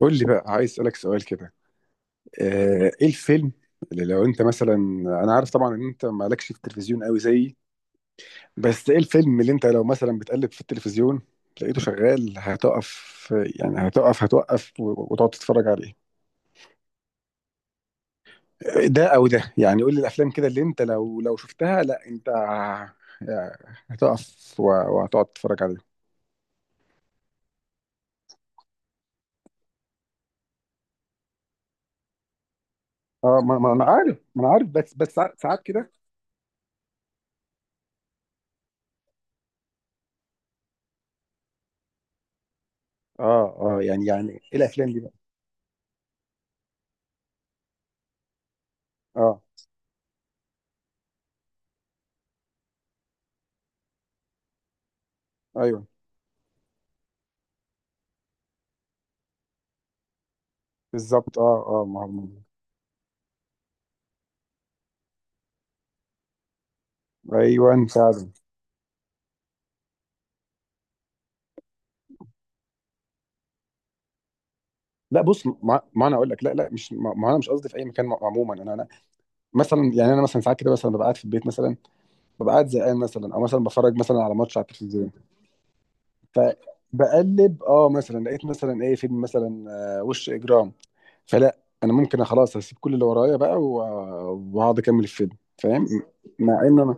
قول لي بقى عايز اسالك سؤال كده. ايه الفيلم اللي لو انت مثلا، انا عارف طبعا ان انت مالكش في التلفزيون قوي زيي، بس ايه الفيلم اللي انت لو مثلا بتقلب في التلفزيون لقيته شغال هتقف؟ يعني هتقف، هتوقف و- وتقعد تتفرج عليه. ده او ده، يعني قول لي الافلام كده اللي انت لو شفتها لا انت هتقف و- وهتقعد تتفرج عليه. اه، ما انا عارف، ما انا عارف، بس ساعات كده. اه اه، يعني ايه الافلام دي بقى؟ اه. ايوه، بالظبط اه اه، ما هو. ايوه فعلا. لا بص، ما انا اقول لك، لا لا، مش ما انا مش قصدي في اي مكان، عموما انا انا مثلا، يعني انا مثلا ساعات كده مثلا، ببقى قاعد في البيت مثلا، ببقى قاعد زهقان مثلا، او مثلا بفرج مثلا على ماتش على التلفزيون، فبقلب اه، مثلا لقيت مثلا ايه فيلم مثلا، وش اجرام، فلا، انا ممكن خلاص هسيب كل اللي ورايا بقى و- واقعد اكمل الفيلم، فاهم. مع ان انا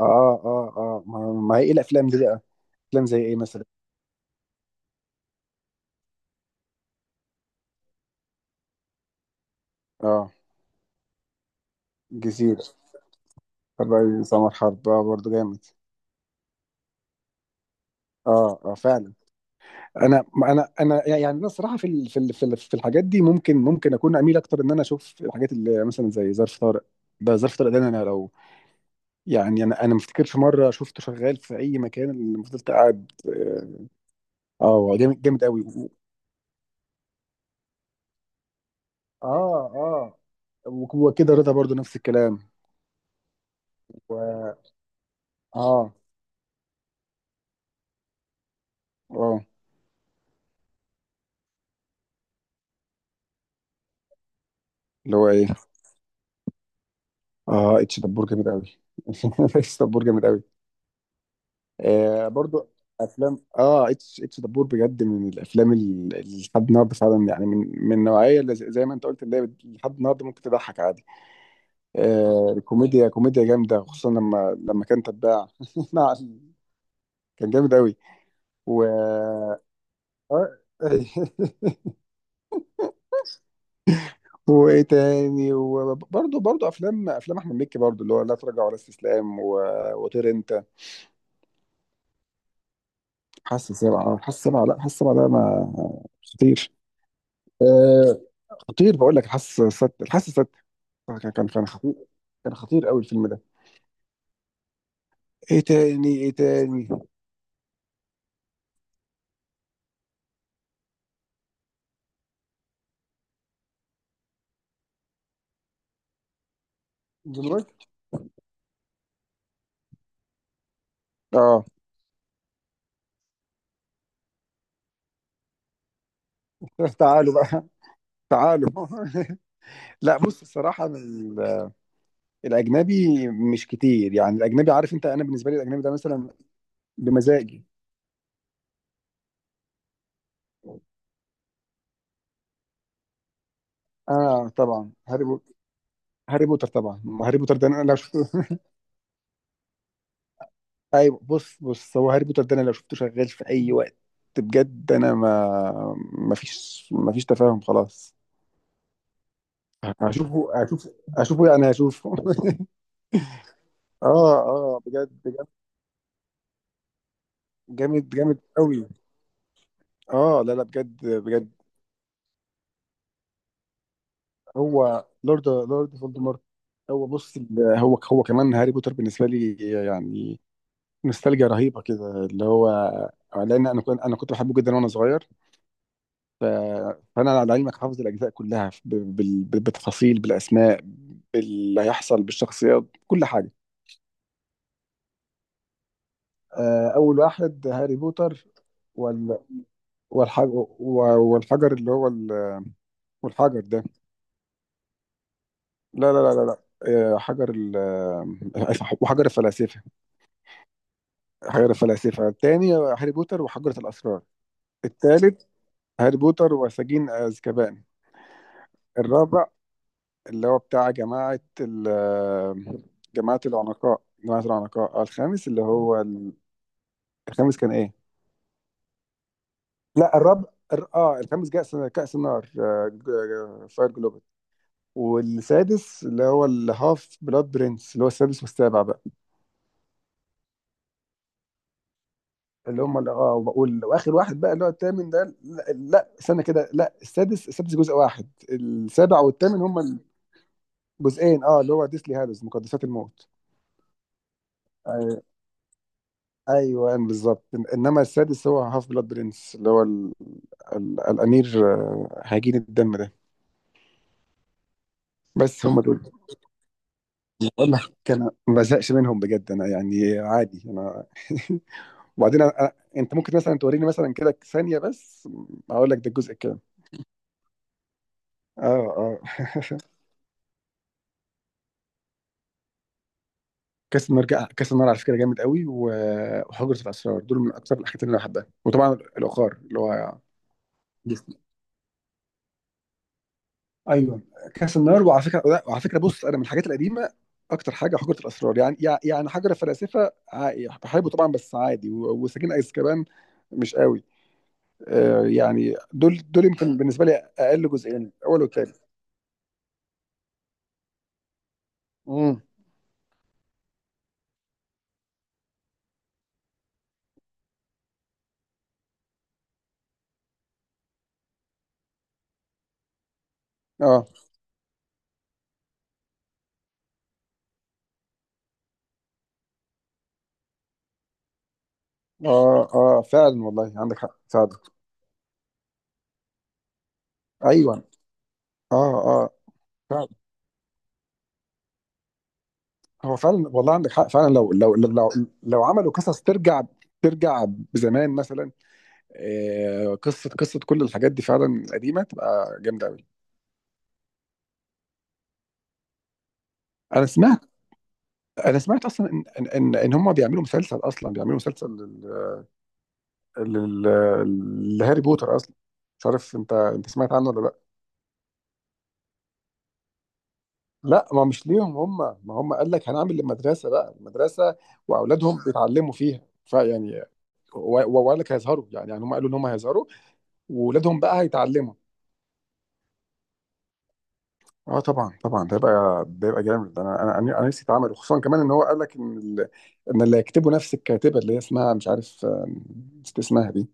اه اه اه، ما هي ايه الافلام دي بقى؟ افلام زي ايه مثلا؟ اه. جزيرة. الرئيس عمر حرب اه، برضه جامد. اه اه، فعلا. انا يعني انا الصراحه في الحاجات دي، ممكن اكون اميل اكتر ان انا اشوف الحاجات اللي مثلا زي ظرف طارق. ده ظرف طارق ده، انا لو يعني، انا ما افتكرش مره شفته شغال في اي مكان اللي فضلت قاعد. اه. جامد، جامد قوي. اه اه، وكده رضا برضو نفس الكلام و... اه اه. اللي هو ايه؟ اه، اتش دبور جامد قوي. اتش دبور جامد قوي. آه، برضو. افلام، اه اتش، اتش دبور بجد من الافلام اللي لحد النهارده فعلا، يعني من من النوعيه اللي زي ما انت قلت، اللي هي لحد النهارده ممكن تضحك عادي. آه، كوميديا، كوميديا جامده، خصوصا لما كان تباع مع كان جامد قوي. و وايه تاني؟ وبرضه افلام، احمد مكي برضه، اللي هو لا تراجع ولا استسلام و... وطير انت. حاسه سبعه، حاسه سبعه، لا حاسه سبعه ده ما خطير، آه، خطير. بقول لك الحاسة السادسة، الحاسة السادسة كان خطير، كان خطير قوي الفيلم ده. ايه تاني؟ ايه تاني؟ دلوقتي اه. تعالوا بقى، تعالوا. لا بص، الصراحة من الأجنبي مش كتير، يعني الأجنبي عارف أنت، أنا بالنسبة لي الأجنبي ده مثلا بمزاجي. آه طبعا، هاري بوتر طبعا، ما هاري بوتر ده أنا لو شفته. أيوه، بص بص، هو هاري بوتر ده أنا لو شفته شغال في أي وقت، بجد أنا ما، ما فيش، ما فيش تفاهم خلاص، هشوفه هشوفه يعني، هشوفه. اه اه، بجد بجد، جامد جامد قوي. اه لا لا، بجد بجد. هو لورد، لورد فولدمورت. هو بص هو كمان هاري بوتر بالنسبه لي يعني، نوستالجيا رهيبه كده اللي هو، لان انا كنت، بحبه جدا وانا صغير، ف- فانا على علمك حافظ الاجزاء كلها ب- بال- بالتفاصيل، بالاسماء، باللي هيحصل، بالشخصيات، كل حاجه. اول واحد هاري بوتر والحجر، والحجر ده. لا لا لا لا لا. آه، حجر ال... آه، وحجر الفلاسفة. حجر الفلاسفة. التاني هاري بوتر وحجرة الأسرار. التالت هاري بوتر وسجين أزكبان. الرابع اللي هو بتاع جماعة العنقاء، جماعة العنقاء. آه، الخامس اللي هو الخامس كان إيه؟ لا الرابع، الخامس كأس، كأس النار، فاير جلوبال. والسادس اللي هو الهاف بلاد برنس، اللي هو السادس، والسابع بقى اللي هم، اللي اه، وبقول واخر واحد بقى اللي هو الثامن ده، لا, لا، استنى كده، لا السادس، السادس جزء واحد، السابع والثامن هم الجزئين، اه، اللي هو ديسلي هالوز، مقدسات الموت. أي- ايوه بالظبط. انما السادس هو هاف بلاد برنس، اللي هو الامير، هجين الدم ده. بس هم دول. بقول لك انا ما بزهقش منهم بجد، انا يعني عادي انا. وبعدين انت ممكن مثلا توريني مثلا كده ثانيه بس اقول لك ده الجزء كام. اه اه. كاس النار، كاس النار على فكره جامد قوي، و- وحجره الاسرار دول من اكثر الحاجات اللي انا بحبها، وطبعا العقار اللي هو ديزني. ايوه. كاس النار، وعلى فكره لا، وعلى فكره بص انا من الحاجات القديمه اكتر حاجه حجره الاسرار، يعني حجر فلاسفه بحبه طبعا بس عادي، وسجين ايزكبان مش قوي، آه يعني دول يمكن بالنسبه لي اقل جزئين، الاول والثاني. امم. اه اه اه، فعلا والله عندك حق فعلا. ايوه. اه اه. هو فعلا والله عندك حق فعلا، لو لو عملوا قصص ترجع، ترجع زمان مثلا، قصه كل الحاجات دي فعلا قديمه، تبقى جامده قوي. انا سمعت، انا سمعت اصلا ان إن هم بيعملوا مسلسل، اصلا بيعملوا مسلسل لل- لل- لهاري بوتر اصلا، مش عارف انت، انت سمعت عنه ولا لا؟ لا ما مش ليهم هم، ما هم قال لك هنعمل المدرسه بقى، المدرسه واولادهم بيتعلموا فيها فيعني، و- و- وقال لك هيظهروا يعني، يعني هم قالوا ان هم هيظهروا واولادهم بقى هيتعلموا. اه طبعا طبعا، ده يبقى، ده يبقى جامد، انا انا انا أنا نفسي اتعمل، وخصوصا كمان ان هو قال لك ان ان اللي هيكتبه نفس الكاتبه، اللي هي اسمها مش عارف نسيت اسمها دي.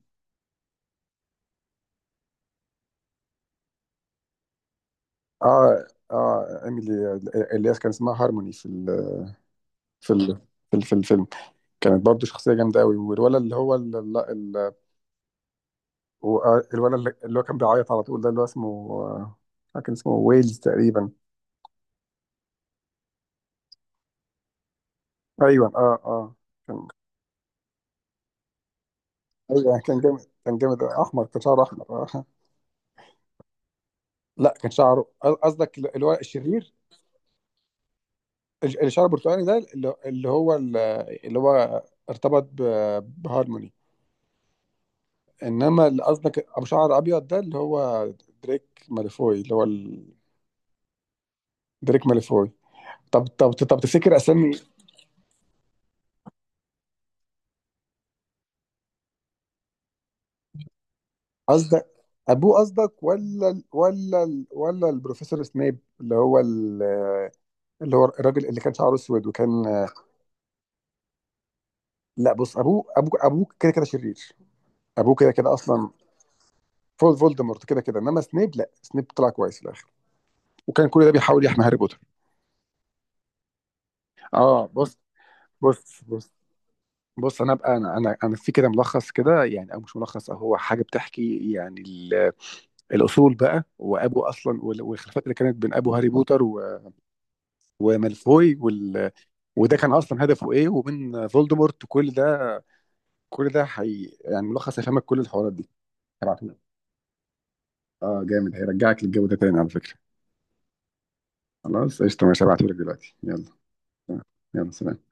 اه اه، ايميلي، اللي هي كان اسمها هارموني في في ال... الفيلم، كانت برضو شخصيه جامده قوي. والولد اللي هو ال... ال... ال... هو- آه، الولد اللي اللي هو كان بيعيط على طول ده، اللي هو اسمه، كان اسمه ويلز تقريبا. ايوه اه اه. كان، ايوه كان جامد، كان جامد احمر، كان شعره احمر لا كان شعره، قصدك اللي هو الشرير، الشعر البرتقالي ده، اللي اللي هو ارتبط ب- بهارموني، انما اللي قصدك ابو شعر ابيض ده، اللي هو دريك ماليفوي، اللي هو دريك ماليفوي. طب تفتكر اسامي. قصدك ابوه قصدك، ولا البروفيسور سنيب، اللي هو اللي هو الراجل اللي كان شعره اسود وكان. لا بص، ابوه كده كده شرير، ابوه كده كده اصلا. فولدمورت كده كده، انما سنيب لا، سنيب طلع كويس في الاخر، وكان كل ده بيحاول يحمي هاري بوتر. اه بص، بص بص بص انا ابقى، انا في كده ملخص كده يعني، او مش ملخص أو هو حاجه بتحكي يعني، الاصول بقى، وابو اصلا، والخلافات اللي كانت بين ابو هاري بوتر ومالفوي وال، وده كان اصلا هدفه ايه، ومن فولدمورت كل ده، كل ده حي يعني، ملخص هيفهمك كل الحوارات دي. هبعتهولك، اه جامد، هيرجعك للجو ده تاني على فكره. خلاص قشطه ماشي، هبعتهولك دلوقتي، يلا. يلا سلام.